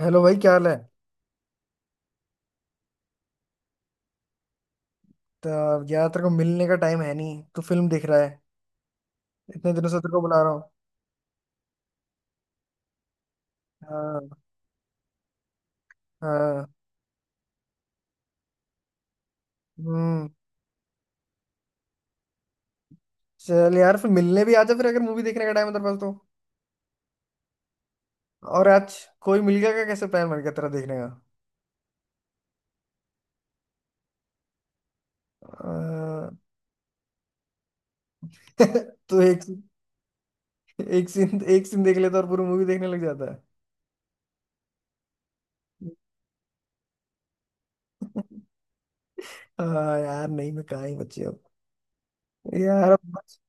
Hello भाई, क्या हाल है। तो यार, तेरे को मिलने का टाइम है नहीं, तू फिल्म देख रहा है। इतने दिनों से तेरे को बुला रहा हूँ। हाँ। हाँ। हम्म। चल यार, फिर मिलने भी आ जा फिर, अगर मूवी देखने का टाइम है तेरे पास तो। और आज कोई मिल गया क्या, कैसे प्लान बन गया तेरा देखने का। अ, तो एक एक सीन, देख लेता और पूरी मूवी देखने लग जाता है। हाँ यार, नहीं मैं कहाँ ही बची अब। यार अब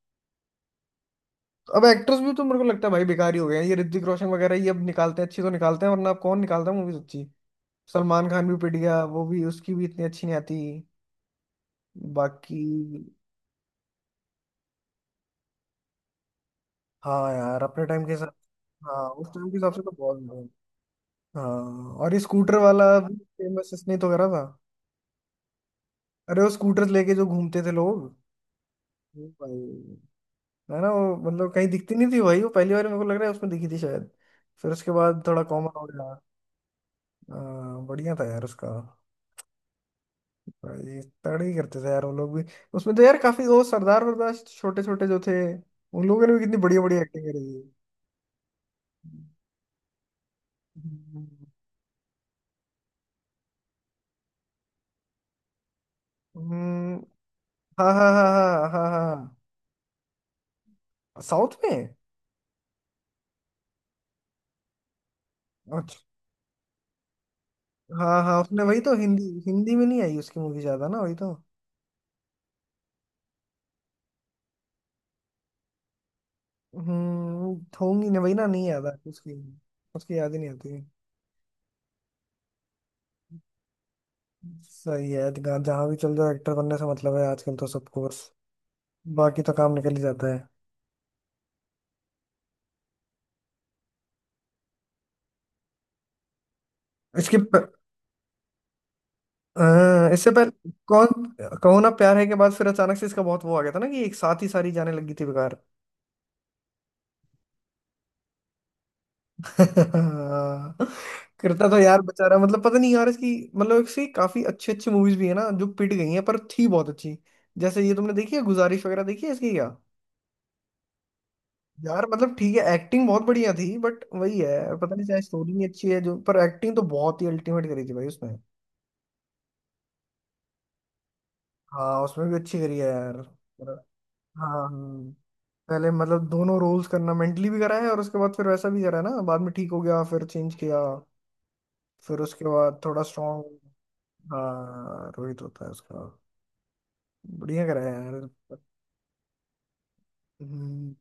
अब एक्टर्स भी तो मेरे को लगता है भाई बेकार ही हो गए हैं। ये ऋतिक रोशन वगैरह ये अब निकालते हैं अच्छी, तो निकालते हैं, वरना अब कौन निकालता है मूवीज अच्छी। सलमान खान भी पिट गया, वो भी, उसकी भी इतनी अच्छी नहीं आती। बाकी हाँ यार, अपने टाइम के हिसाब, हाँ उस टाइम के हिसाब से तो बहुत बढ़िया है। हाँ, और ये स्कूटर वाला भी फेमस इसने तो करा था। अरे वो स्कूटर लेके जो घूमते थे लोग। ओ भाई, है ना वो, मतलब कहीं दिखती नहीं थी भाई, वो पहली बार मेरे को लग रहा है उसमें दिखी थी शायद। फिर उसके बाद थोड़ा कॉमन हो गया। हाँ, बढ़िया था यार उसका। भाई तगड़े ही करते थे यार वो लोग भी। उसमें तो यार काफी वो सरदार वरदार छोटे छोटे जो थे, उन लोगों ने भी कितनी बढ़िया बढ़िया एक्टिंग करी थी। हम्म। हाँ हाँ हाँ हाँ हाँ हाँ। हाँ। साउथ में। अच्छा, हाँ हाँ, उसने वही तो, हिंदी हिंदी में नहीं आई उसकी मूवी ज्यादा ना, वही तो। हम्म, होंगी नहीं, वही ना, नहीं याद आती उसकी। उसकी याद ही नहीं आती। सही है, जहाँ जहाँ भी चल जाओ, एक्टर बनने से मतलब है आजकल तो सबको बस। बाकी तो काम निकल ही जाता है। इसके प, इससे पहले कौन। कहो ना प्यार है के बाद फिर अचानक से इसका बहुत वो आ गया था ना, कि एक साथ ही सारी जाने लगी थी बेकार। करता तो यार बेचारा, मतलब पता नहीं यार इसकी, मतलब इसकी काफी अच्छी अच्छी मूवीज भी है ना जो पिट गई हैं, पर थी बहुत अच्छी। जैसे ये तुमने देखी है गुजारिश वगैरह, देखी है इसकी क्या। यार मतलब ठीक है, एक्टिंग बहुत बढ़िया थी, बट वही है, पता नहीं चाहे स्टोरी नहीं अच्छी है जो, पर एक्टिंग तो बहुत ही अल्टीमेट करी थी भाई उसमें। हाँ, उसमें भी अच्छी करी है यार हाँ। हम्म। पहले मतलब दोनों रोल्स करना, मेंटली भी करा है और उसके बाद फिर वैसा भी करा है ना, बाद में ठीक हो गया, फिर चेंज किया। फिर उसके बाद थोड़ा स्ट्रांग। हाँ, रोहित होता है उसका। बढ़िया कराया यार। हम्म,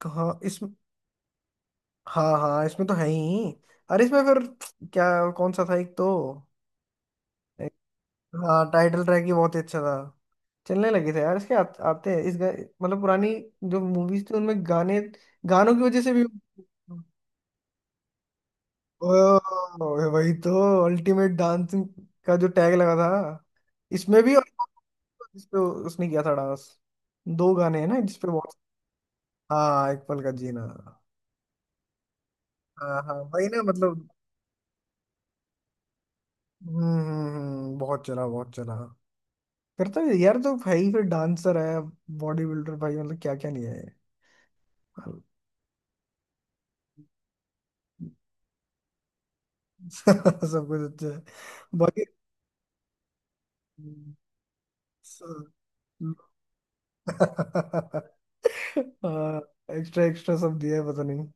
कहाँ इस, हाँ हाँ इसमें तो है ही। अरे इसमें फिर क्या, कौन सा था एक तो। एक, हाँ, टाइटल ट्रैक ही बहुत ही अच्छा था। चलने लगे थे यार इसके आते हैं इस मतलब पुरानी जो मूवीज थी उनमें गाने, गानों की वजह से भी। ओह, वही तो अल्टीमेट डांसिंग का जो टैग लगा था इसमें भी, और इसपे उसने किया था डांस, दो गाने हैं ना जिसपे। हाँ एक पल का जीना। हाँ हाँ वही ना मतलब। बहुत चला, बहुत चला करता है यार, तो भाई फिर डांसर है, बॉडी बिल्डर भाई, मतलब क्या क्या नहीं है ये। सब कुछ अच्छा है बाकी। एक्स्ट्रा एक्स्ट्रा सब दिया है पता नहीं।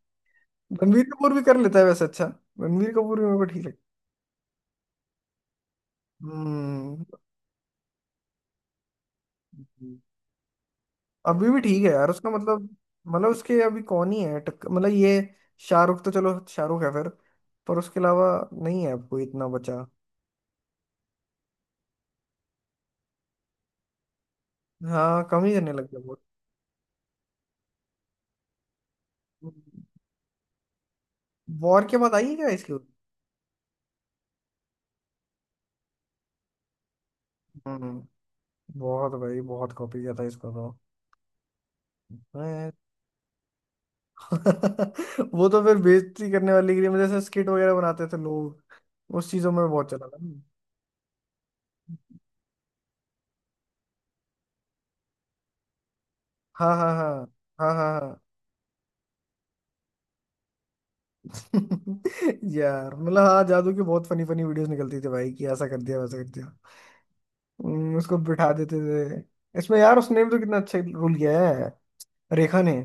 रणबीर कपूर भी कर लेता है वैसे अच्छा। रणबीर कपूर भी मेरे को ठीक लगता है। हम्म, अभी भी ठीक है यार उसका, मतलब, मतलब उसके अभी कौन ही है टक्कर, मतलब ये शाहरुख तो चलो शाहरुख है फिर, पर उसके अलावा नहीं है, आपको इतना बचा। हाँ, कम ही करने लग गया बहुत। वॉर के बाद आई है क्या इसकी। हम्म, बहुत भाई, बहुत कॉपी किया था इसको तो। मैं वो तो फिर बेइज्जती करने वाली के लिए, मतलब जैसे स्किट वगैरह बनाते थे लोग, उस चीजों में बहुत चला था। हाँ हाँ हाँ हाँ हाँ हाँ। यार मतलब हाँ, जादू की बहुत फनी फनी वीडियोस निकलती थी भाई, कि ऐसा कर दिया वैसा कर दिया। उसको बिठा देते थे। इसमें यार उसने भी तो कितना अच्छा रोल किया है, रेखा ने।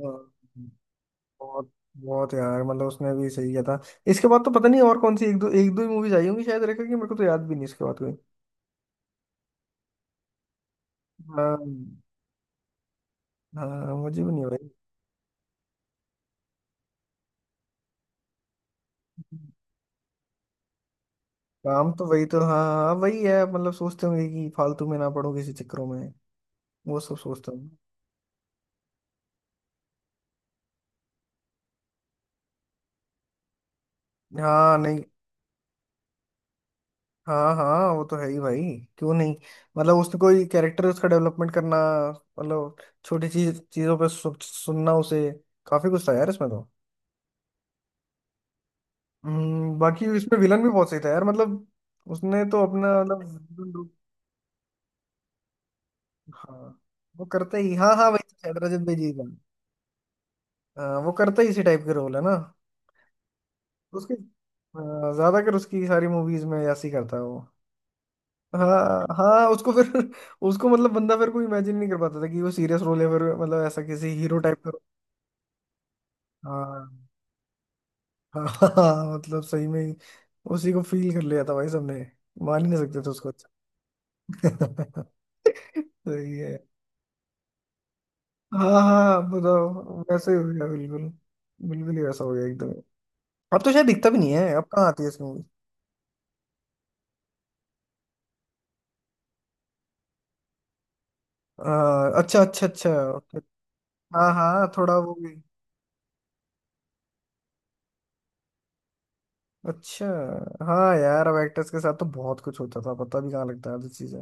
हाँ, बहुत, बहुत यार मतलब उसने भी सही किया था। इसके बाद तो पता नहीं और कौन सी, एक दो ही मूवीज आई होंगी शायद रेखा की, मेरे को तो याद भी नहीं इसके बाद कोई। हाँ, हाँ मुझे भी नहीं भाई। काम तो वही तो, हाँ हाँ वही है, मतलब सोचते होंगे कि फालतू में ना पड़ो किसी चक्करों में। वो सब सोचता हूँ। हाँ नहीं, हाँ हाँ वो तो है ही भाई, क्यों नहीं। मतलब उसने कोई कैरेक्टर, उसका डेवलपमेंट करना, मतलब छोटी चीज चीजों पे सुनना उसे, काफी कुछ था यार इसमें तो। बाकी इसमें विलन भी बहुत सही था यार, मतलब उसने तो अपना मतलब villain हाँ, वो करता ही, हाँ हाँ भाई छात्रजन बेजी का। हाँ, वो करता ही इसी टाइप के रोल है ना। उसके अ, ज्यादातर उसकी सारी मूवीज में ऐसे ही करता है वो। हाँ हाँ, उसको फिर उसको मतलब बंदा फिर कोई इमेजिन नहीं कर पाता था कि वो सीरियस रोल है फिर, मतलब ऐसा किसी हीरो टाइप का। हाँ, हाँ हाँ, मतलब सही में ही उसी को फील कर लिया था भाई सबने। मान ही नहीं सकते थे उसको अच्छा। सही है। हाँ हाँ, बताओ वैसे ही हो गया, बिल्कुल, बिल्कुल ही वैसा हो गया एकदम। अब तो शायद दिखता भी नहीं है, अब कहाँ आती है इसमें movie? अच्छा अच्छा अच्छा okay. हाँ हाँ थोड़ा वो भी अच्छा। हाँ यार, अब एक्टर्स के साथ तो बहुत कुछ होता था, पता भी कहाँ लगता है आधी चीजें।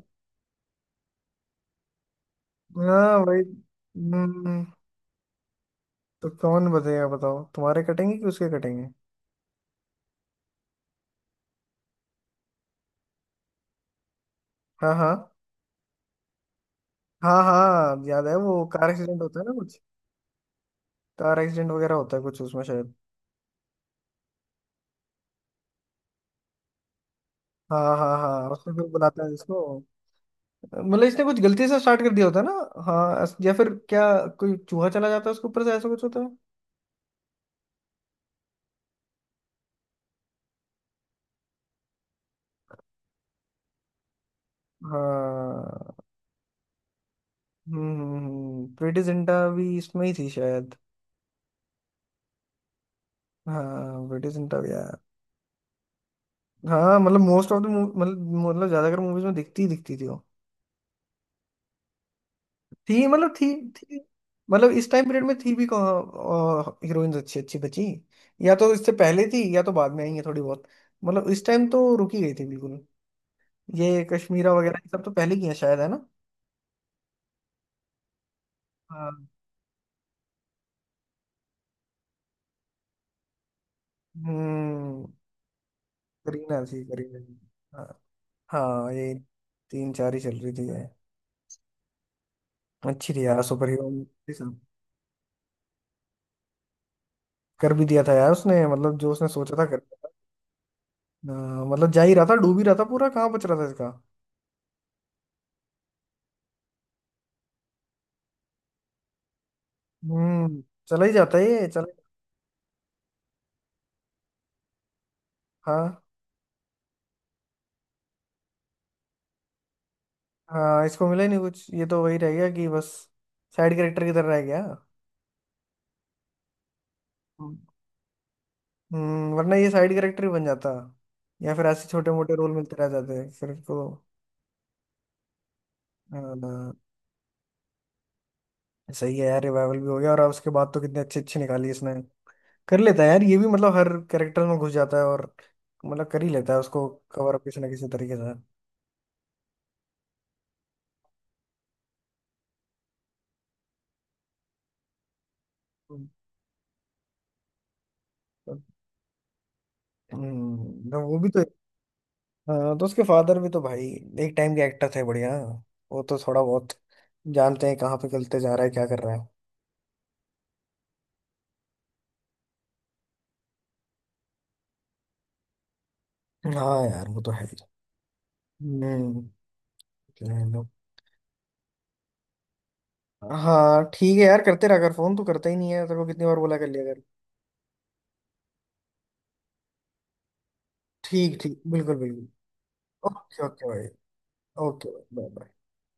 हाँ भाई, तो कौन बताएगा बताओ, तुम्हारे कटेंगे कि उसके कटेंगे। हाँ हाँ, हाँ हाँ याद है, वो कार एक्सीडेंट होता है ना कुछ, कार एक्सीडेंट वगैरह होता है कुछ उसमें शायद। हाँ हाँ हाँ, उसमें फिर बुलाते हैं जिसको। मतलब इसने कुछ गलती से स्टार्ट कर दिया होता है ना, या फिर क्या, कोई चूहा चला जाता है उसके ऊपर से, ऐसा कुछ होता है। हाँ। प्रीति जिंटा भी इसमें ही थी शायद। हाँ, ब्रिटिश सेंटा भी यार। हाँ, मतलब मोस्ट ऑफ द, मतलब, मतलब ज्यादातर मूवीज में दिखती ही दिखती थी वो। थी मतलब, थी मतलब, इस टाइम पीरियड में थी भी कहाँ हीरोइंस अच्छी अच्छी बची। या तो इससे पहले थी या तो बाद में आई है थोड़ी बहुत, मतलब इस टाइम तो रुकी गई थी बिल्कुल। ये कश्मीरा वगैरह ये सब तो पहले की है शायद, है ना। हाँ। हम्म। करीना थी, करीना थी। हाँ हाँ ये, तीन चार ही चल रही थी ये। अच्छी थी यार सुपर हीरो। कर भी दिया था यार उसने, मतलब जो उसने सोचा था कर। हाँ, मतलब जा ही रहा था, डूब ही रहा था पूरा, कहाँ बच रहा था इसका। हम्म, चला ही जाता है, ये चला। हाँ हाँ इसको मिला ही नहीं कुछ, ये तो वही रह गया कि बस साइड कैरेक्टर की तरह रह गया। हम्म, वरना ये साइड कैरेक्टर ही बन जाता, या फिर ऐसे छोटे मोटे रोल मिलते रह जाते हैं फिर इसको। हाँ, सही है यार, रिवाइवल भी हो गया और अब उसके बाद तो कितने अच्छे अच्छे निकाली इसने। कर लेता है यार ये भी, मतलब हर कैरेक्टर में घुस जाता है और मतलब कर ही लेता है उसको कवर अप किसी ना किसी तरीके से। तो वो भी तो, हाँ, तो उसके फादर भी तो भाई एक टाइम के एक्टर थे बढ़िया, वो तो थोड़ा बहुत जानते हैं कहाँ पे गलते जा रहा है क्या कर रहा है। हाँ यार वो तो है ही। हम्म। चलो। हाँ ठीक है यार, करते रहा कर फोन, तू करता ही नहीं है, तेरे को कितनी बार बोला कर लिया कर। ठीक ठीक, बिल्कुल बिल्कुल। ओके ओके भाई। Okay bye bye.